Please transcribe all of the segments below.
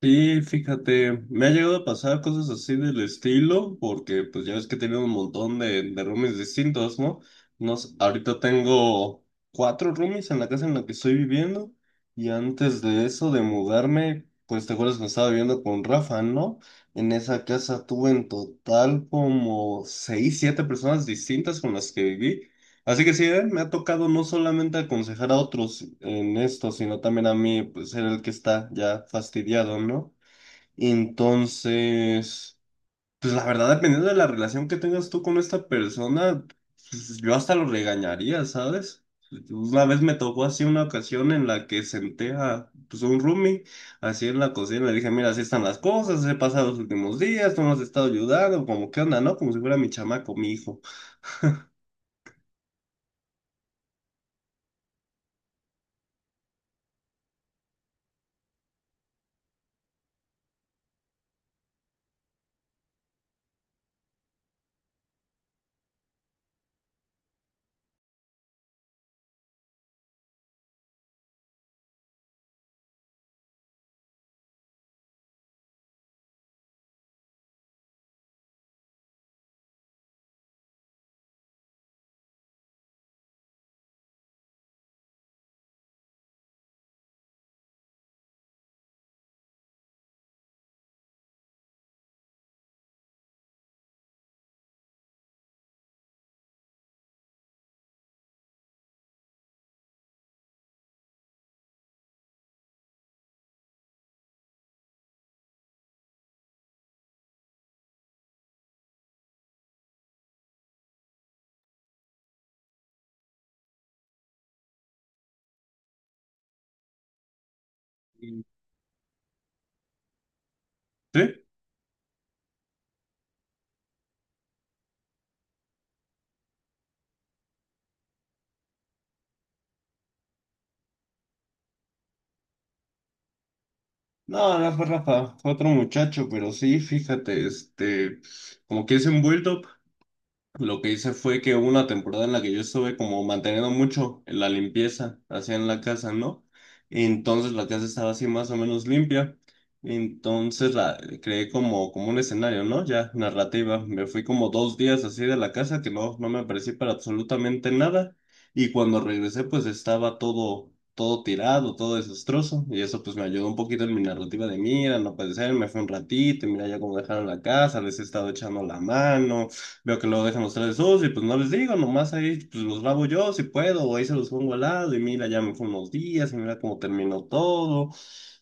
Sí, fíjate, me ha llegado a pasar cosas así del estilo, porque pues ya ves que he tenido un montón de roomies distintos, ¿no? Nos, ahorita tengo cuatro roomies en la casa en la que estoy viviendo, y antes de eso, de mudarme, pues te acuerdas que estaba viviendo con Rafa, ¿no? En esa casa tuve en total como seis, siete personas distintas con las que viví. Así que sí, me ha tocado no solamente aconsejar a otros en esto, sino también a mí, pues ser el que está ya fastidiado, ¿no? Entonces, pues la verdad, dependiendo de la relación que tengas tú con esta persona, pues yo hasta lo regañaría, ¿sabes? Una vez me tocó así una ocasión en la que senté a pues, un roomie así en la cocina, le dije, mira, así están las cosas, he pasado los últimos días, tú no has estado ayudando, como qué onda, ¿no? Como si fuera mi chamaco, mi hijo. ¿Sí? No, no fue Rafa, fue otro muchacho, pero sí, fíjate, como que es envuelto. Lo que hice fue que hubo una temporada en la que yo estuve como manteniendo mucho la limpieza, así en la casa, ¿no? Entonces la casa estaba así más o menos limpia. Entonces la creé como, como un escenario, ¿no? Ya narrativa. Me fui como dos días así de la casa que no, no me aparecí para absolutamente nada. Y cuando regresé, pues estaba todo, todo tirado, todo desastroso. Y eso pues me ayudó un poquito en mi narrativa de mira, no puede ser, me fui un ratito, y mira ya cómo dejaron la casa, les he estado echando la mano. Veo que luego dejan los tres sucios y pues no les digo, nomás ahí pues los lavo yo si puedo, o ahí se los pongo al lado y mira, ya me fue unos días y mira cómo terminó todo.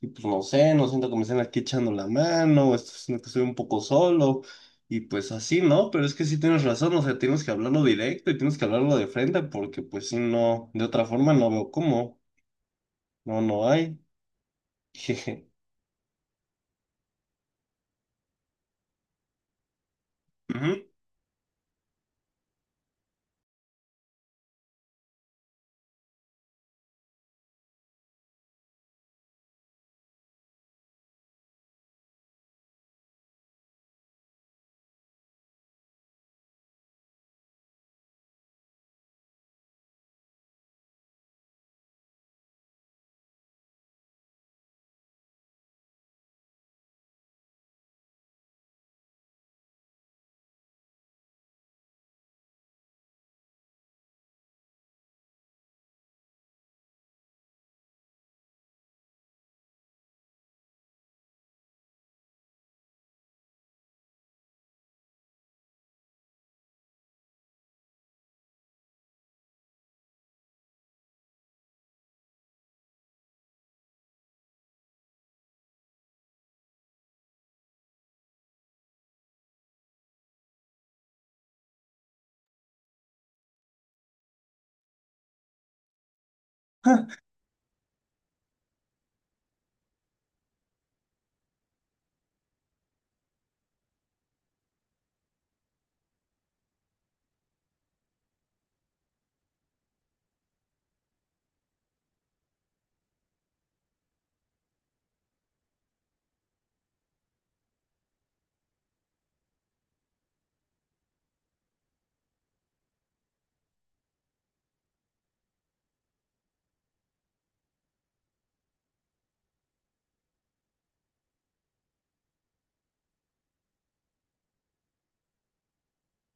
Y pues no sé, no siento que me estén aquí echando la mano, o esto- siento que estoy un poco solo. Y pues así, ¿no? Pero es que sí tienes razón, o sea, tienes que hablarlo directo y tienes que hablarlo de frente porque pues si no, de otra forma no veo cómo. No, no hay. Jeje. Ujú.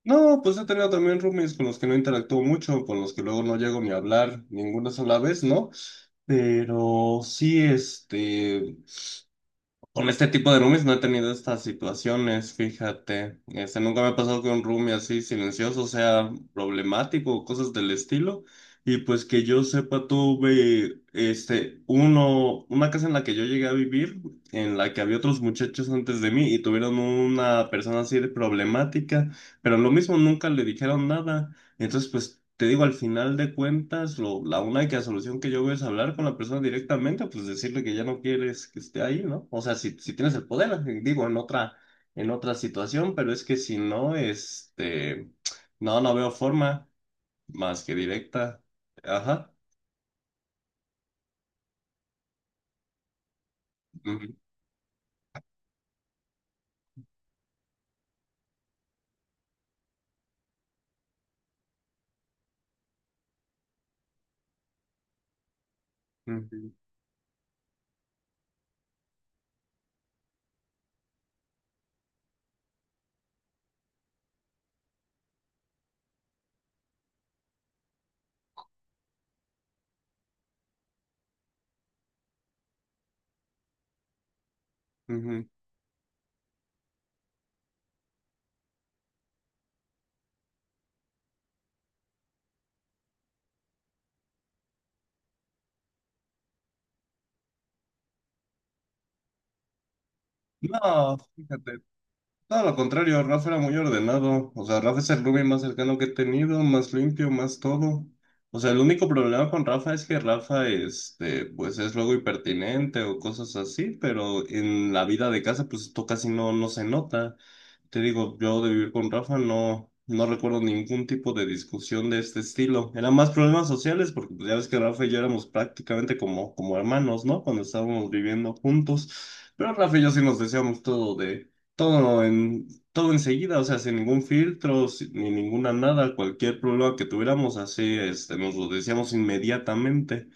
No, pues he tenido también roomies con los que no interactúo mucho, con los que luego no llego ni a hablar ninguna sola vez, ¿no? Pero sí, este, con este tipo de roomies no he tenido estas situaciones, fíjate. Este, nunca me ha pasado que un roomie así silencioso sea problemático o cosas del estilo. Y pues que yo sepa, tuve, este, uno, una casa en la que yo llegué a vivir, en la que había otros muchachos antes de mí y tuvieron una persona así de problemática, pero lo mismo nunca le dijeron nada. Entonces, pues te digo, al final de cuentas, lo, la única solución que yo veo es hablar con la persona directamente, pues decirle que ya no quieres que esté ahí, ¿no? O sea, si, si tienes el poder, digo, en otra situación, pero es que si no, no, no veo forma más que directa. Ajá. Ujú, ujú, ujú. No, fíjate. Todo lo contrario, Rafa era muy ordenado. O sea, Rafa es el roomie más cercano que he tenido, más limpio, más todo. O sea, el único problema con Rafa es que Rafa, este, pues es luego impertinente o cosas así, pero en la vida de casa, pues esto casi no, no se nota. Te digo, yo de vivir con Rafa no, no recuerdo ningún tipo de discusión de este estilo. Eran más problemas sociales, porque pues, ya ves que Rafa y yo éramos prácticamente como, como hermanos, ¿no? Cuando estábamos viviendo juntos. Pero Rafa y yo sí nos decíamos todo de todo en, todo enseguida, o sea, sin ningún filtro, sin- ni ninguna nada, cualquier problema que tuviéramos, así, este, nos lo decíamos inmediatamente.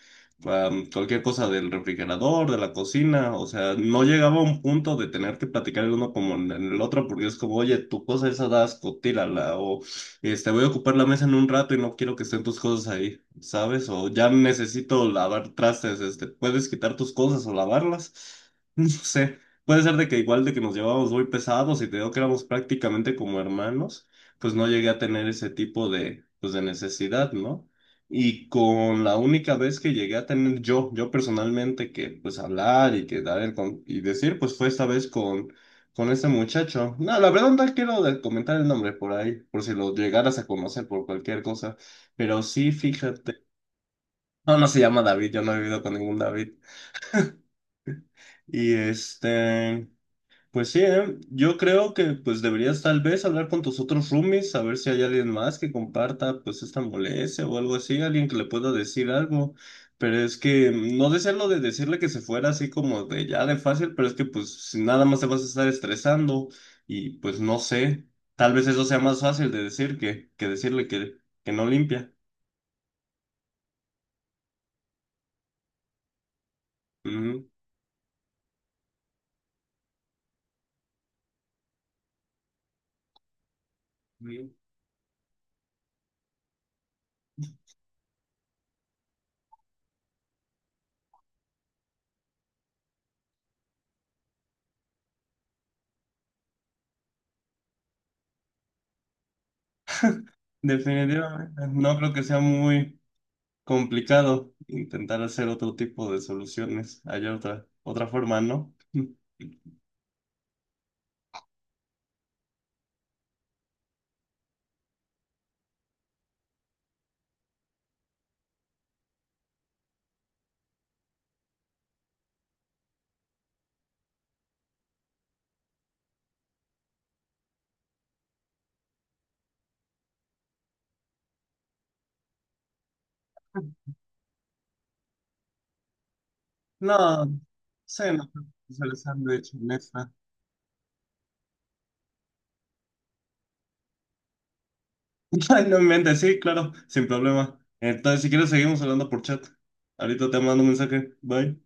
Am, cualquier cosa del refrigerador, de la cocina, o sea, no llegaba a un punto de tener que platicar el uno como en el otro, porque es como, oye, tu cosa esa da asco, tírala, o este, voy a ocupar la mesa en un rato y no quiero que estén tus cosas ahí, ¿sabes? O ya necesito lavar trastes, este, ¿puedes quitar tus cosas o lavarlas? No sé. Puede ser de que igual de que nos llevábamos muy pesados y te digo que éramos prácticamente como hermanos, pues no llegué a tener ese tipo de, pues de necesidad, ¿no? Y con la única vez que llegué a tener yo personalmente, que pues hablar y que dar el con- y decir, pues fue esta vez con ese muchacho. No, la verdad no quiero de- comentar el nombre por ahí, por si lo llegaras a conocer por cualquier cosa, pero sí, fíjate. No, no se llama David, yo no he vivido con ningún David. Y este... Pues sí, ¿eh? Yo creo que pues deberías tal vez hablar con tus otros roomies, a ver si hay alguien más que comparta pues esta molestia o algo así, alguien que le pueda decir algo. Pero es que mm, no desearlo de decirle que se fuera así como de ya de fácil, pero es que pues si nada más te vas a estar estresando y pues no sé, tal vez eso sea más fácil de decir que decirle que no limpia. Ujú. Ujú. Definitivamente, no creo que sea muy... complicado intentar hacer otro tipo de soluciones. Hay otra, otra forma, ¿no? No, sí, no, se les han hecho en esta. Ay, no inventes, sí, claro, sin problema. Entonces, si quieres, seguimos hablando por chat. Ahorita te mando un mensaje. Bye.